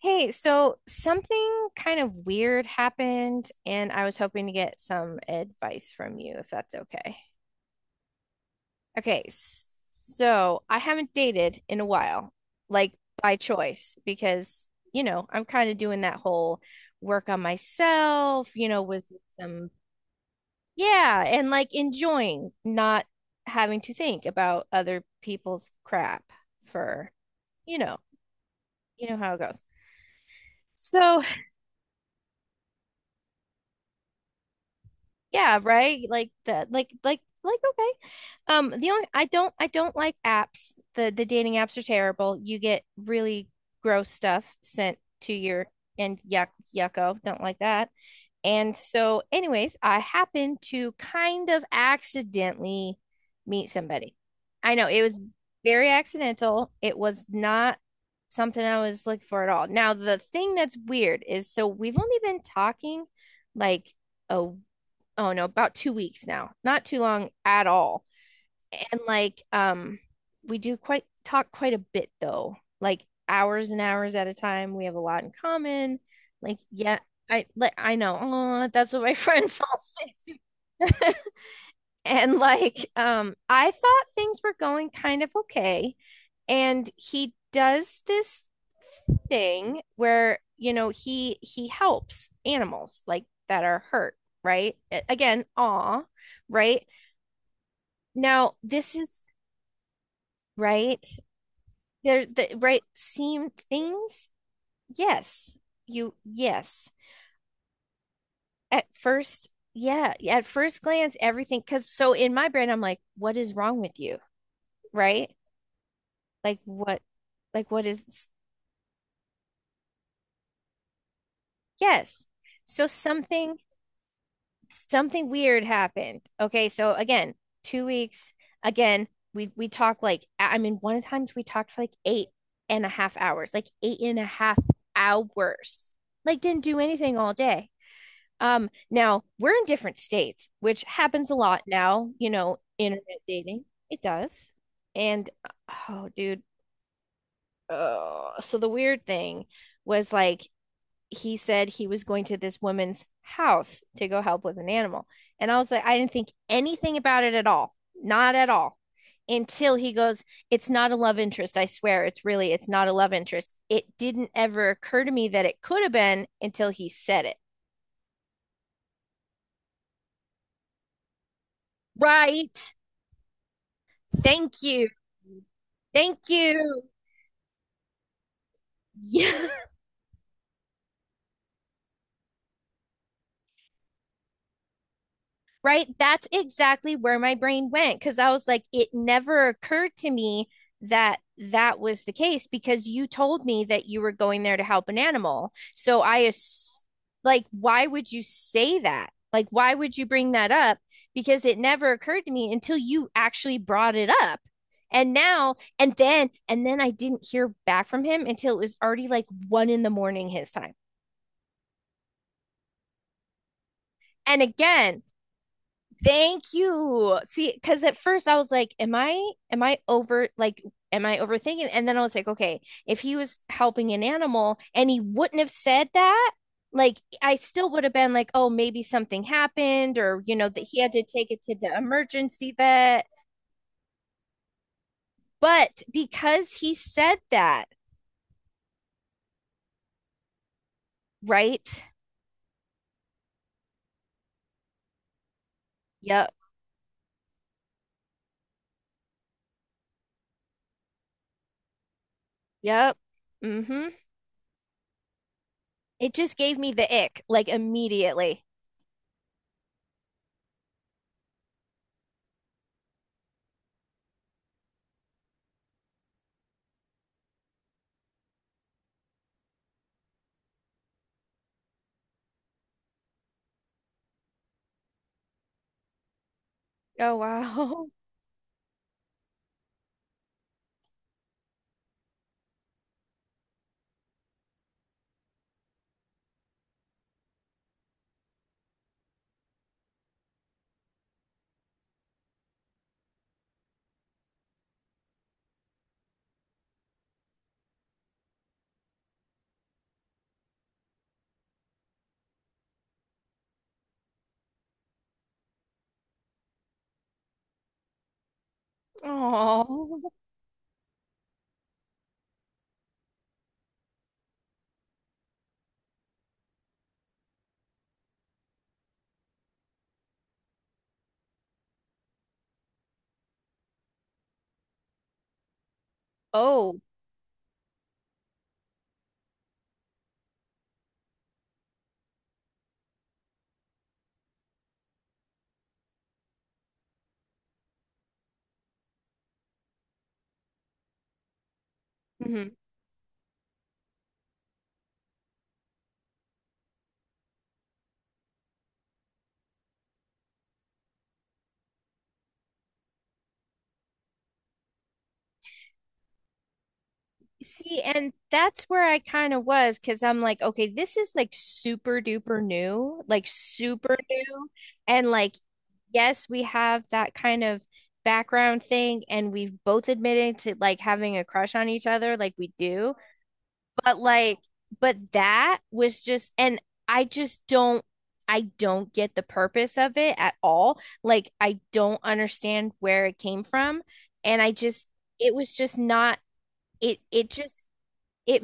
Hey, so something kind of weird happened, and I was hoping to get some advice from you if that's okay. Okay, s- so I haven't dated in a while, like by choice, because, I'm kind of doing that whole work on myself, some, yeah, and like enjoying not having to think about other people's crap for, you know, you know how it goes. So yeah, right? Like the like okay. The only I don't like apps. The dating apps are terrible. You get really gross stuff sent to your and yuck yucko. Don't like that. And so anyways, I happened to kind of accidentally meet somebody. I know it was very accidental. It was not something I was looking for at all. Now, the thing that's weird is so we've only been talking like a oh no, about 2 weeks now. Not too long at all. And we do quite talk quite a bit though. Like hours and hours at a time. We have a lot in common. Like yeah, I know. Oh, that's what my friends all say. And I thought things were going kind of okay. And he does this thing where, you know, he helps animals like that are hurt, right? Again, aw, right? Now, this is right. There, the right seem things. Yes, yes. At first, yeah, at first glance, everything. Because so in my brain, I'm like, what is wrong with you? Right? Like, what, like, what is, yes. So something weird happened. Okay, so again, 2 weeks. Again, we talked like I mean, one of the times we talked for like 8.5 hours, like 8.5 hours. Like didn't do anything all day. Now we're in different states, which happens a lot now, you know, internet dating. It does. And oh, dude. Oh, so the weird thing was like he said he was going to this woman's house to go help with an animal. And I was like, I didn't think anything about it at all. Not at all. Until he goes, it's not a love interest. I swear. It's really, it's not a love interest. It didn't ever occur to me that it could have been until he said it. Right. Thank you. Thank you. Yeah, right? That's exactly where my brain went because I was like, it never occurred to me that that was the case because you told me that you were going there to help an animal. Like, why would you say that? Like, why would you bring that up? Because it never occurred to me until you actually brought it up. And then I didn't hear back from him until it was already like one in the morning his time. And again, thank you. See, because at first I was like, am I over like am I overthinking? And then I was like, okay, if he was helping an animal and he wouldn't have said that, like I still would have been like, oh, maybe something happened or you know that he had to take it to the emergency vet. But because he said that, right? Yep. Yep. Mm-hmm. It just gave me the ick like immediately. Oh wow. Oh. Oh. Mhm. See, and that's where I kind of was because I'm like, okay, this is like super duper new, like super new. And like, yes, we have that kind of background thing, and we've both admitted to like having a crush on each other, like we do. But like, but that was just, and I just don't, I don't get the purpose of it at all. Like, I don't understand where it came from. And I just, it was just not, it just, it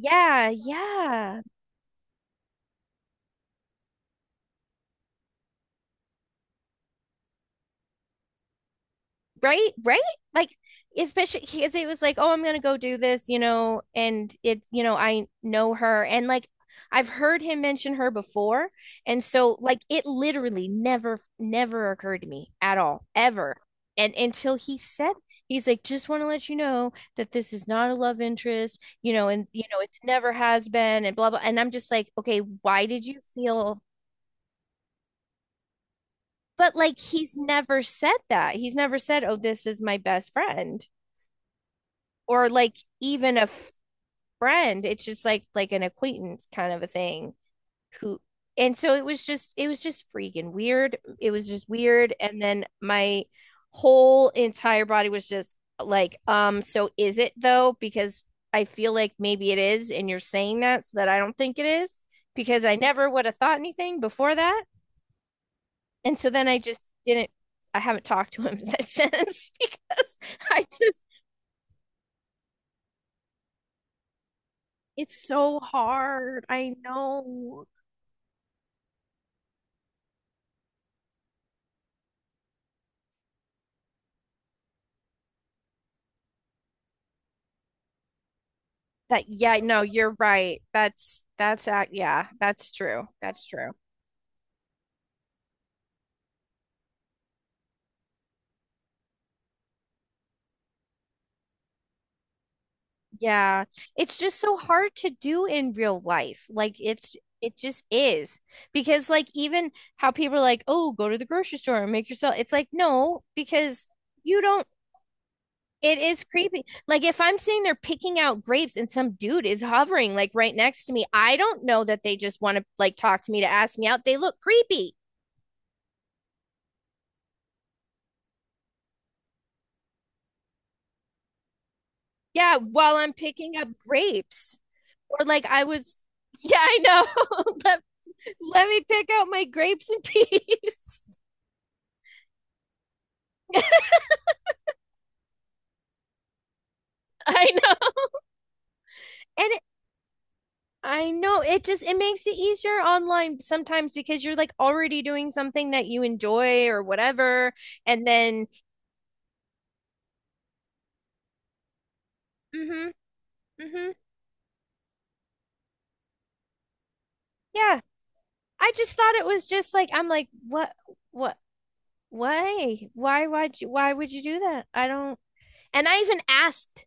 Yeah, yeah. Right, right? Like especially because it was like, oh, I'm gonna go do this, you know, and it, you know, I know her and like I've heard him mention her before. And so like it literally never occurred to me at all, ever. And until he said he's like, just want to let you know that this is not a love interest, you know, and you know, it's never has been and blah blah. And I'm just like, okay, why did you feel but like he's never said that. He's never said, "Oh, this is my best friend," or like even a friend. It's just like an acquaintance kind of a thing. Who and so it was just freaking weird. It was just weird. And then my whole entire body was just like, so is it though? Because I feel like maybe it is, and you're saying that so that I don't think it is because I never would have thought anything before that. And so then I just didn't, I haven't talked to him since because I just, it's so hard. I know that, yeah, no, you're right. Yeah, that's true. That's true. Yeah. It's just so hard to do in real life. It just is because like even how people are like, oh, go to the grocery store and make yourself, it's like, no, because you don't. It is creepy. Like if I'm sitting there picking out grapes and some dude is hovering like right next to me, I don't know that they just want to like talk to me to ask me out. They look creepy. Yeah, while I'm picking up grapes. Or like I was, yeah, I know. Let me pick out my grapes in peace. I know. And it, I know it just it makes it easier online sometimes because you're like already doing something that you enjoy or whatever, and then mm-hmm, mm-hmm, yeah. I just thought it was just like I'm like what why would you do that? I don't and I even asked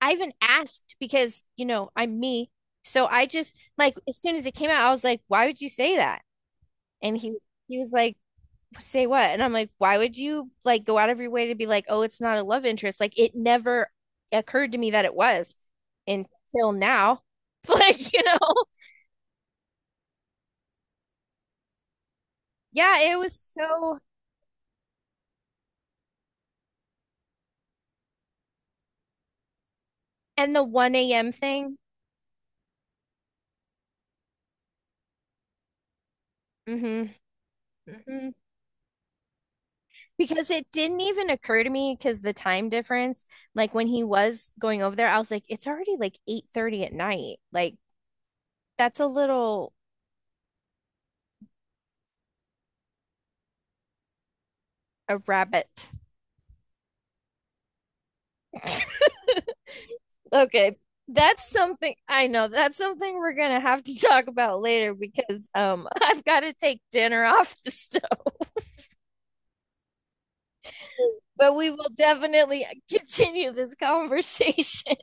because you know I'm me, so I just like as soon as it came out I was like why would you say that? And he was like say what? And I'm like why would you like go out of your way to be like oh it's not a love interest, like it never occurred to me that it was until now, like you know, yeah it was so, and the 1 a.m. thing. Hmm. Because it didn't even occur to me because the time difference, like when he was going over there, I was like, it's already like 8:30 at night. Like that's a little a rabbit. Okay. That's something I know. That's something we're gonna have to talk about later because I've got to take dinner off the stove. But we will definitely continue this conversation.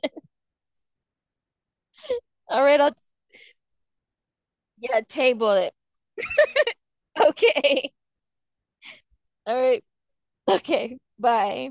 All right, I'll yeah, table it. Okay. All right. Okay. Bye.